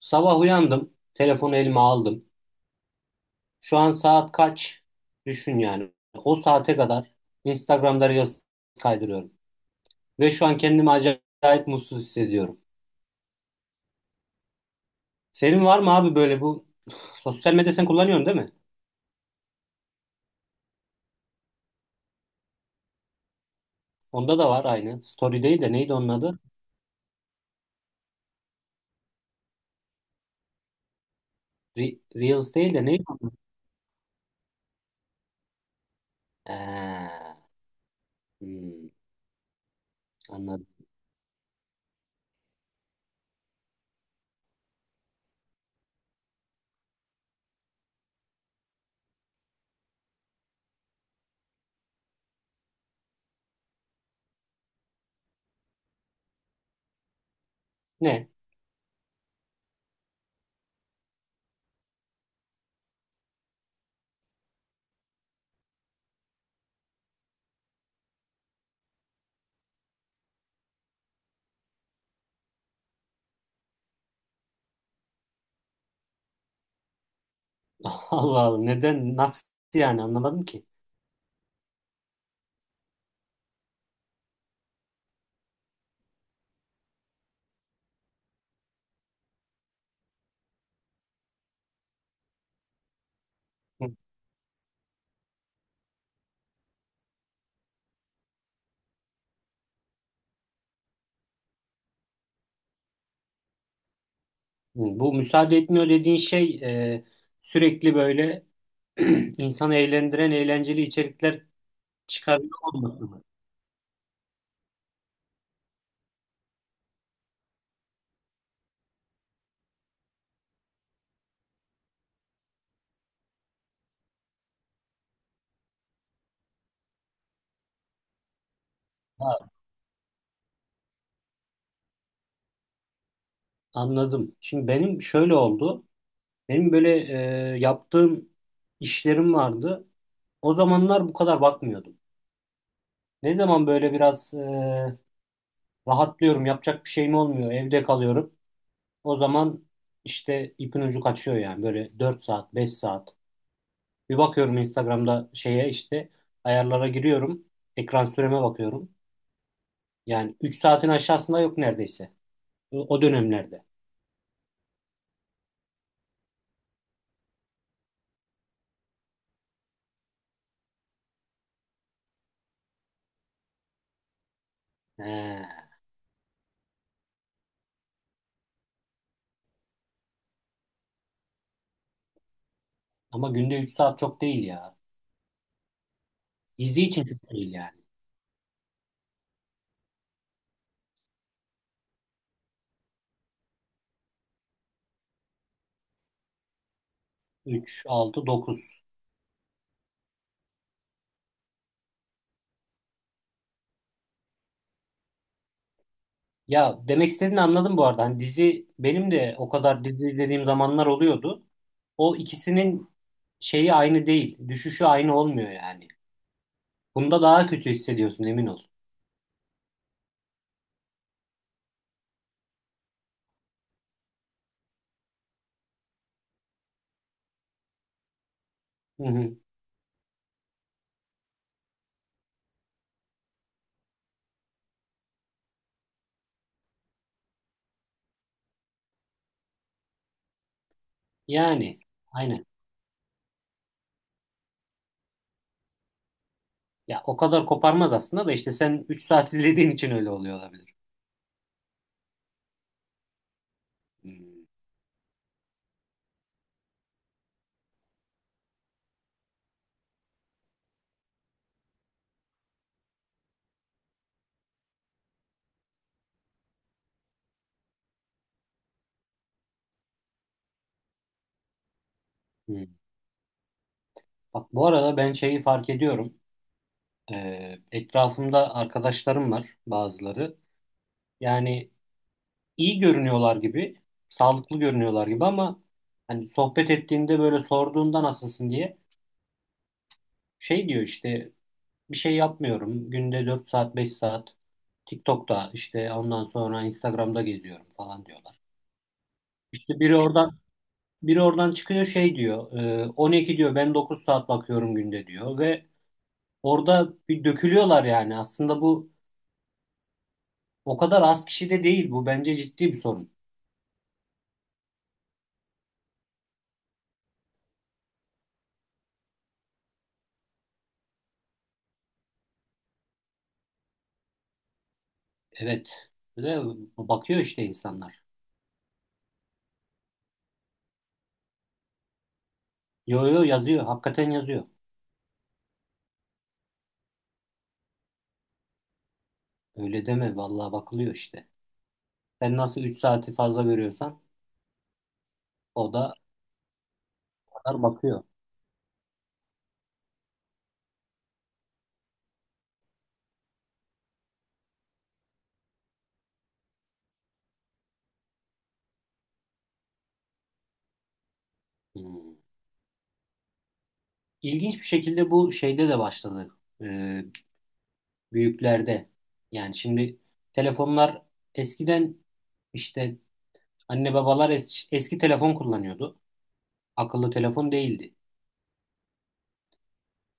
Sabah uyandım, telefonu elime aldım. Şu an saat kaç? Düşün yani. O saate kadar Instagram'da Reels kaydırıyorum. Ve şu an kendimi acayip mutsuz hissediyorum. Senin var mı abi böyle bu sosyal medya sen kullanıyorsun değil mi? Onda da var aynı. Story değil de neydi onun adı? Reels değil de neydi, onun adı? Ee, hmm, anladım. Ne? Allah Allah neden nasıl yani anlamadım ki. Hı. Bu müsaade etmiyor dediğin şey, e, sürekli böyle İnsanı eğlendiren eğlenceli içerikler çıkarıyor olması mı? Ha, anladım. Şimdi benim şöyle oldu. Benim böyle yaptığım işlerim vardı. O zamanlar bu kadar bakmıyordum. Ne zaman böyle biraz rahatlıyorum, yapacak bir şeyim olmuyor, evde kalıyorum. O zaman işte ipin ucu kaçıyor yani böyle 4 saat, 5 saat. Bir bakıyorum Instagram'da şeye işte ayarlara giriyorum. Ekran süreme bakıyorum. Yani 3 saatin aşağısında yok neredeyse. O dönemlerde. He. Ama günde 3 saat çok değil ya. Dizi için çok değil yani. Üç altı dokuz. Ya demek istediğini anladım bu arada. Hani dizi benim de o kadar dizi izlediğim zamanlar oluyordu. O ikisinin şeyi aynı değil. Düşüşü aynı olmuyor yani. Bunda daha kötü hissediyorsun, emin ol. Hı hı. Yani aynen. Ya o kadar koparmaz aslında da işte sen 3 saat izlediğin için öyle oluyor olabilir. Hmm. Hmm. Bak bu arada ben şeyi fark ediyorum. Etrafımda arkadaşlarım var bazıları. Yani iyi görünüyorlar gibi, sağlıklı görünüyorlar gibi ama hani sohbet ettiğinde böyle sorduğunda nasılsın diye şey diyor işte, bir şey yapmıyorum. Günde 4 saat 5 saat TikTok'ta işte ondan sonra Instagram'da geziyorum falan diyorlar. İşte biri oradan biri oradan çıkıyor şey diyor, 12 diyor ben 9 saat bakıyorum günde diyor ve orada bir dökülüyorlar yani. Aslında bu o kadar az kişi de değil. Bu bence ciddi bir sorun. Evet. Ve bakıyor işte insanlar. Yo yo, yazıyor. Hakikaten yazıyor. Öyle deme. Vallahi bakılıyor işte. Sen nasıl 3 saati fazla veriyorsan, o da o kadar bakıyor. Hmm. İlginç bir şekilde bu şeyde de başladı. Ee, Büyüklerde. Yani şimdi telefonlar eskiden işte anne babalar eski telefon kullanıyordu. Akıllı telefon değildi.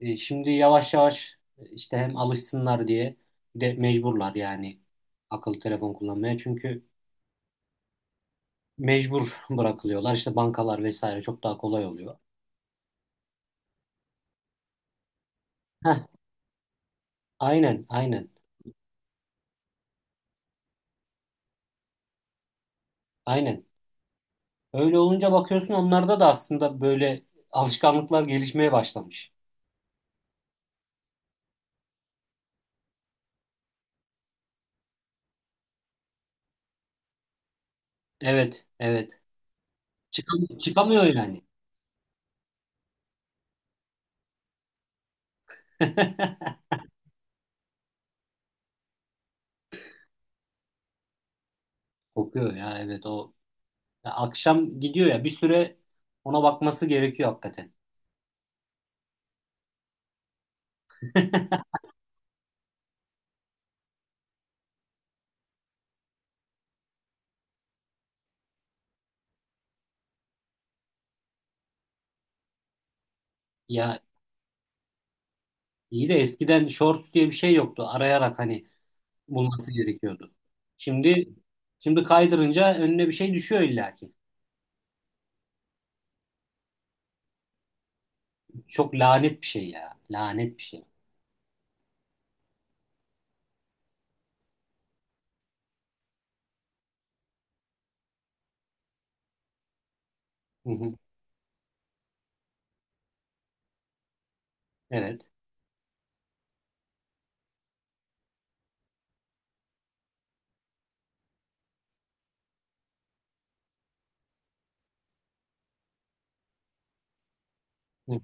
Şimdi yavaş yavaş işte hem alışsınlar diye bir de mecburlar yani akıllı telefon kullanmaya. Çünkü mecbur bırakılıyorlar. İşte bankalar vesaire çok daha kolay oluyor. Heh, aynen, aynen, aynen. Öyle olunca bakıyorsun onlarda da aslında böyle alışkanlıklar gelişmeye başlamış. Evet, evet. Çıkamıyor yani. Kokuyor ya, evet o. Ya akşam gidiyor ya bir süre ona bakması gerekiyor hakikaten. Ya iyi de eskiden shorts diye bir şey yoktu. Arayarak hani bulması gerekiyordu. Şimdi şimdi kaydırınca önüne bir şey düşüyor illaki. Çok lanet bir şey ya. Lanet bir şey. Hı hı. Evet. Hı.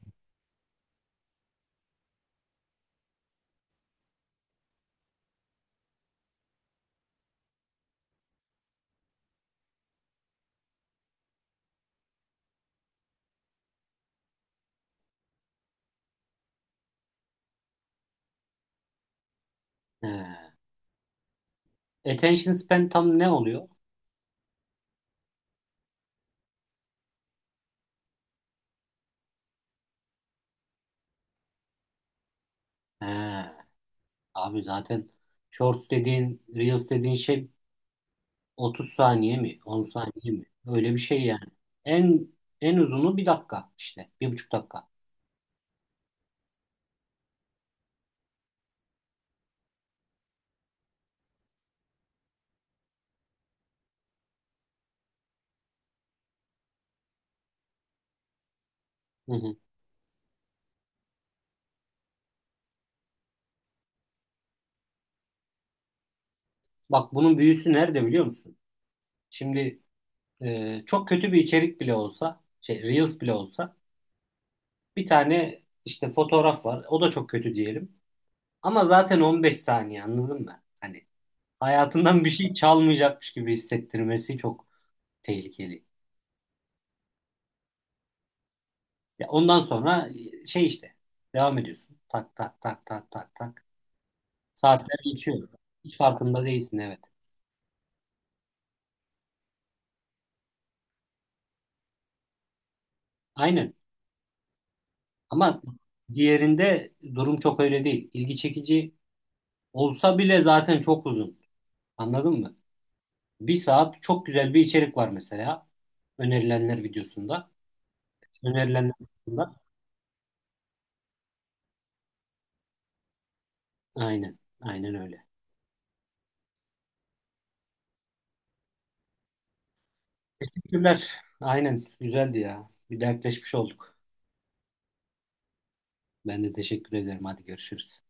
He. Attention span tam ne oluyor? He. Abi zaten shorts dediğin, reels dediğin şey 30 saniye mi? 10 saniye mi? Öyle bir şey yani. En en uzunu bir dakika işte. Bir buçuk dakika. Hı hı. Bak bunun büyüsü nerede biliyor musun? Şimdi çok kötü bir içerik bile olsa, şey reels bile olsa bir tane işte fotoğraf var. O da çok kötü diyelim. Ama zaten 15 saniye anladın mı? Hani hayatından bir şey çalmayacakmış gibi hissettirmesi çok tehlikeli. Ya ondan sonra şey işte devam ediyorsun. Tak tak tak tak tak tak. Saatler geçiyor. Hiç farkında değilsin, evet. Aynen. Ama diğerinde durum çok öyle değil. İlgi çekici olsa bile zaten çok uzun. Anladın mı? Bir saat çok güzel bir içerik var mesela. Önerilenler videosunda. Önerilenler videosunda. Aynen. Aynen öyle. Teşekkürler. Aynen. Güzeldi ya. Bir dertleşmiş olduk. Ben de teşekkür ederim. Hadi görüşürüz.